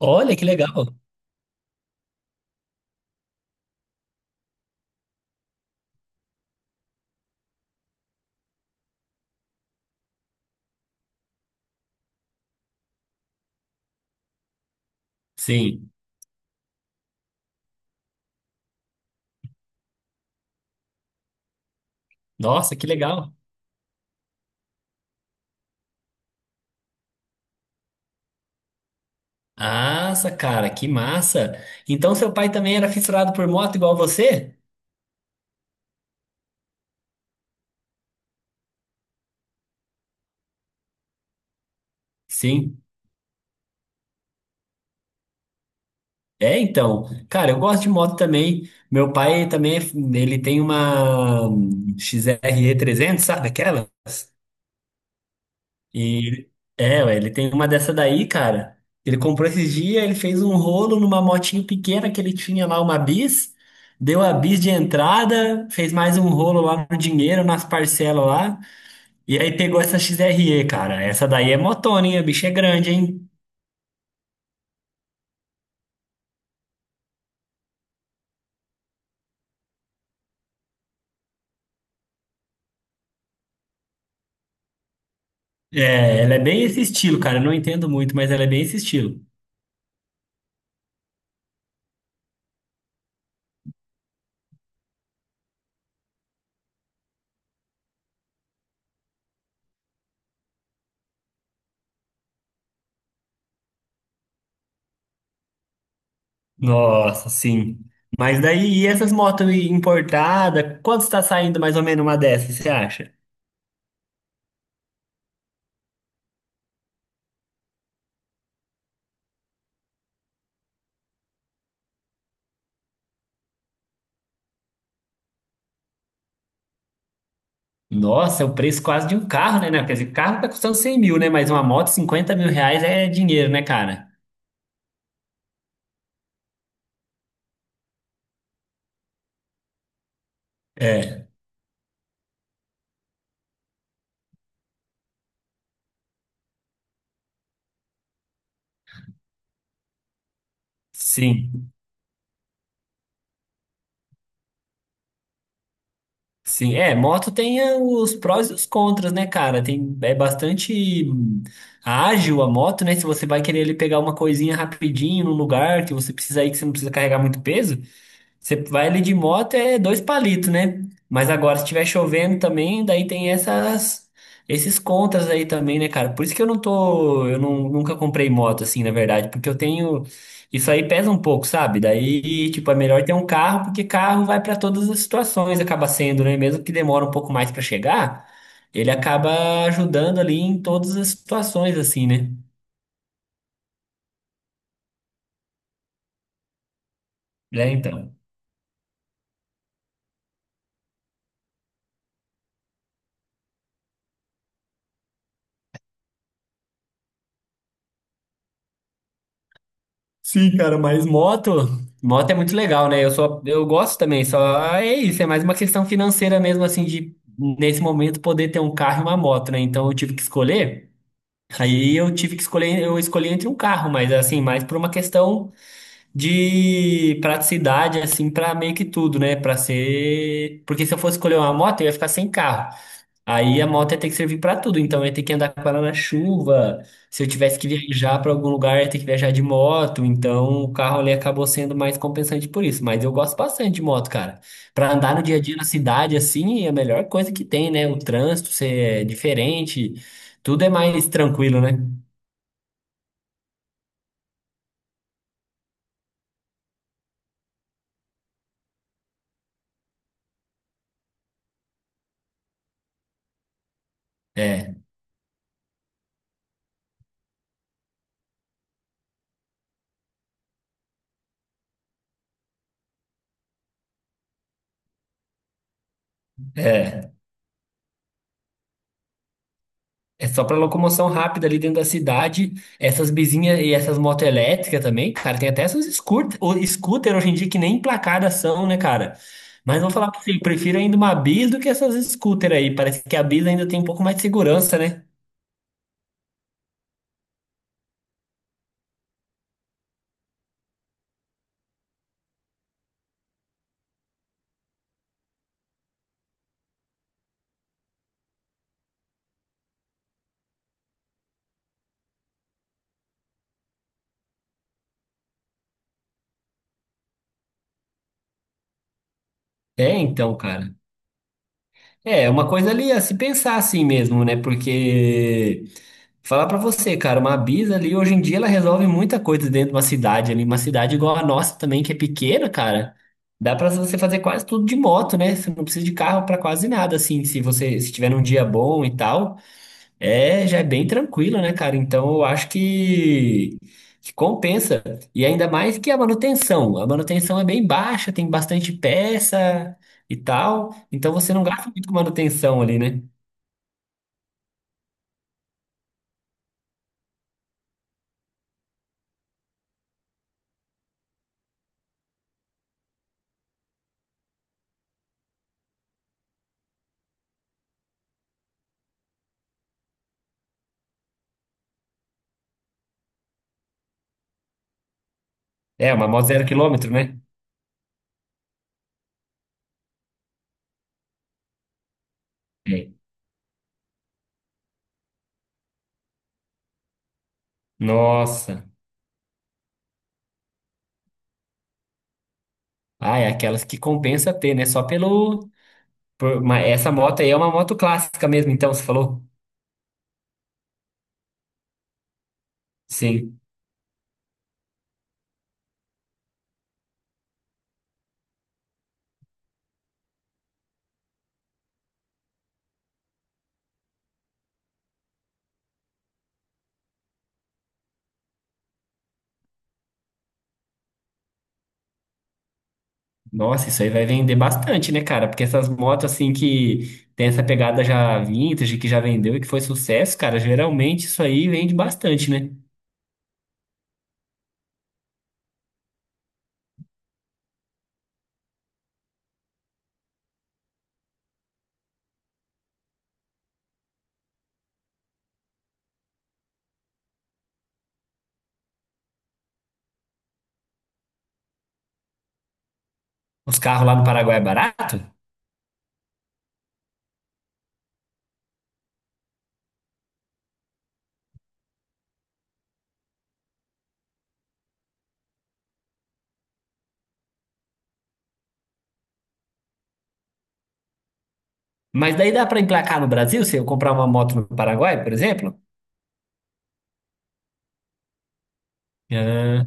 Olha que legal. Sim. Nossa, que legal. Nossa, cara, que massa. Então seu pai também era fissurado por moto igual você? Sim. É, então. Cara, eu gosto de moto também. Meu pai também, ele tem uma XRE 300, sabe aquela? E é, ué, ele tem uma dessa daí, cara. Ele comprou esses dias, ele fez um rolo numa motinho pequena que ele tinha lá, uma bis, deu a bis de entrada, fez mais um rolo lá no dinheiro, nas parcelas lá. E aí pegou essa XRE, cara. Essa daí é motona, hein? A bicha é grande, hein? É, ela é bem esse estilo, cara. Eu não entendo muito, mas ela é bem esse estilo. Nossa, sim. Mas daí, e essas motos importadas? Quanto está saindo mais ou menos uma dessas, você acha? Nossa, é o preço quase de um carro, né? né? Quer dizer, carro tá custando 100 mil, né? Mas uma moto, 50 mil reais é dinheiro, né, cara? É, sim. Sim, é, moto tem os prós e os contras, né, cara? Tem, é bastante ágil a moto, né? Se você vai querer ele pegar uma coisinha rapidinho num lugar que você precisa ir, que você não precisa carregar muito peso, você vai ali de moto é dois palitos, né? Mas agora, se estiver chovendo também, daí tem esses contras aí também, né, cara? Por isso que eu não, nunca comprei moto assim, na verdade, porque eu tenho, isso aí pesa um pouco, sabe? Daí, tipo, é melhor ter um carro, porque carro vai pra todas as situações, acaba sendo, né? Mesmo que demora um pouco mais pra chegar, ele acaba ajudando ali em todas as situações, assim, né? Né, então. Sim, cara, moto é muito legal, né? Eu só, eu gosto também, só é isso, é mais uma questão financeira mesmo, assim, de nesse momento poder ter um carro e uma moto, né? Então eu tive que escolher, aí eu tive que escolher, eu escolhi entre um carro, mas assim, mais por uma questão de praticidade, assim, pra meio que tudo, né? Pra ser. Porque se eu fosse escolher uma moto, eu ia ficar sem carro. Aí a moto ia ter que servir pra tudo. Então eu ia ter que andar com ela na chuva. Se eu tivesse que viajar pra algum lugar, eu ia ter que viajar de moto. Então o carro ali acabou sendo mais compensante por isso. Mas eu gosto bastante de moto, cara. Pra andar no dia a dia na cidade, assim, é a melhor coisa que tem, né? O trânsito ser diferente. Tudo é mais tranquilo, né? É, é. É só pra locomoção rápida ali dentro da cidade. Essas bizinhas e essas motos elétricas também, cara. Tem até essas scooter, scooter hoje em dia que nem placadas são, né, cara? Mas vou falar pra você, eu prefiro ainda uma bis do que essas scooter aí. Parece que a bis ainda tem um pouco mais de segurança, né? É, então, cara. É, é uma coisa ali a se pensar assim mesmo, né? Porque falar pra você, cara, uma Bisa ali, hoje em dia ela resolve muita coisa dentro de uma cidade ali, uma cidade igual a nossa também, que é pequena, cara. Dá pra você fazer quase tudo de moto, né? Você não precisa de carro pra quase nada, assim, se você se tiver num dia bom e tal, é, já é bem tranquilo, né, cara? Então eu acho que compensa. E ainda mais que a manutenção é bem baixa, tem bastante peça e tal, então você não gasta muito com manutenção ali, né? É, uma moto zero quilômetro, né? É. Nossa. Ah, é aquelas que compensa ter, né? Só pelo. Essa moto aí é uma moto clássica mesmo, então, você falou? Sim. Nossa, isso aí vai vender bastante, né, cara? Porque essas motos, assim, que tem essa pegada já vintage, que já vendeu e que foi sucesso, cara, geralmente isso aí vende bastante, né? Os carros lá no Paraguai é barato, mas daí dá pra emplacar no Brasil se eu comprar uma moto no Paraguai, por exemplo? Ah,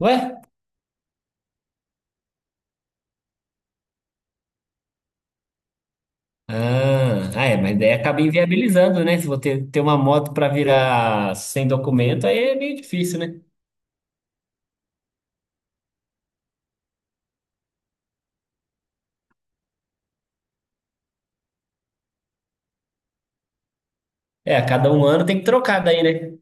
ué? Ah, ah, é, mas daí acaba inviabilizando, né? Se você ter uma moto para virar sem documento, aí é meio difícil, né? É, a cada um ano tem que trocar daí, né?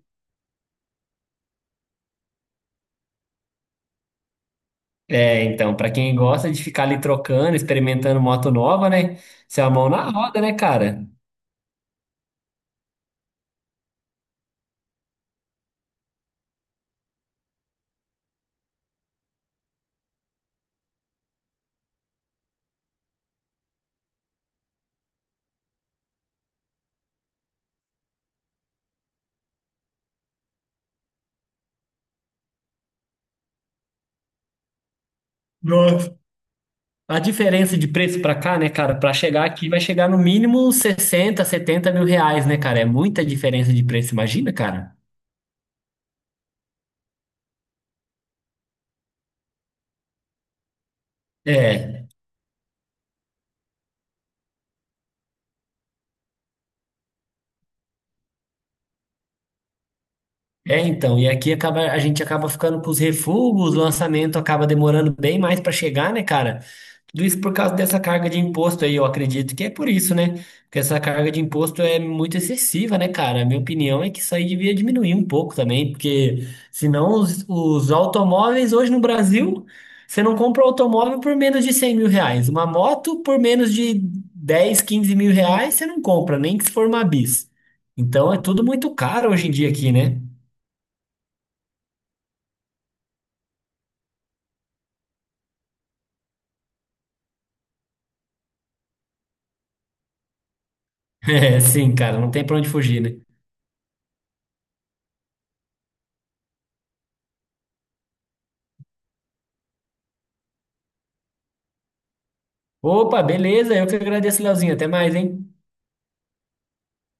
É, então, para quem gosta de ficar ali trocando, experimentando moto nova, né? Isso é a mão na roda, né, cara? Nossa. A diferença de preço para cá, né, cara? Para chegar aqui vai chegar no mínimo 60, 70 mil reais, né, cara? É muita diferença de preço, imagina, cara? É. É, então, e aqui a gente acaba ficando com os refugos, o lançamento acaba demorando bem mais para chegar, né, cara? Tudo isso por causa dessa carga de imposto aí, eu acredito que é por isso, né? Porque essa carga de imposto é muito excessiva, né, cara? A minha opinião é que isso aí devia diminuir um pouco também, porque senão os automóveis hoje no Brasil, você não compra um automóvel por menos de 100 mil reais. Uma moto por menos de 10, 15 mil reais, você não compra, nem que se for uma bis. Então é tudo muito caro hoje em dia aqui, né? É, sim, cara, não tem pra onde fugir, né? Opa, beleza, eu que agradeço, Leozinho. Até mais, hein?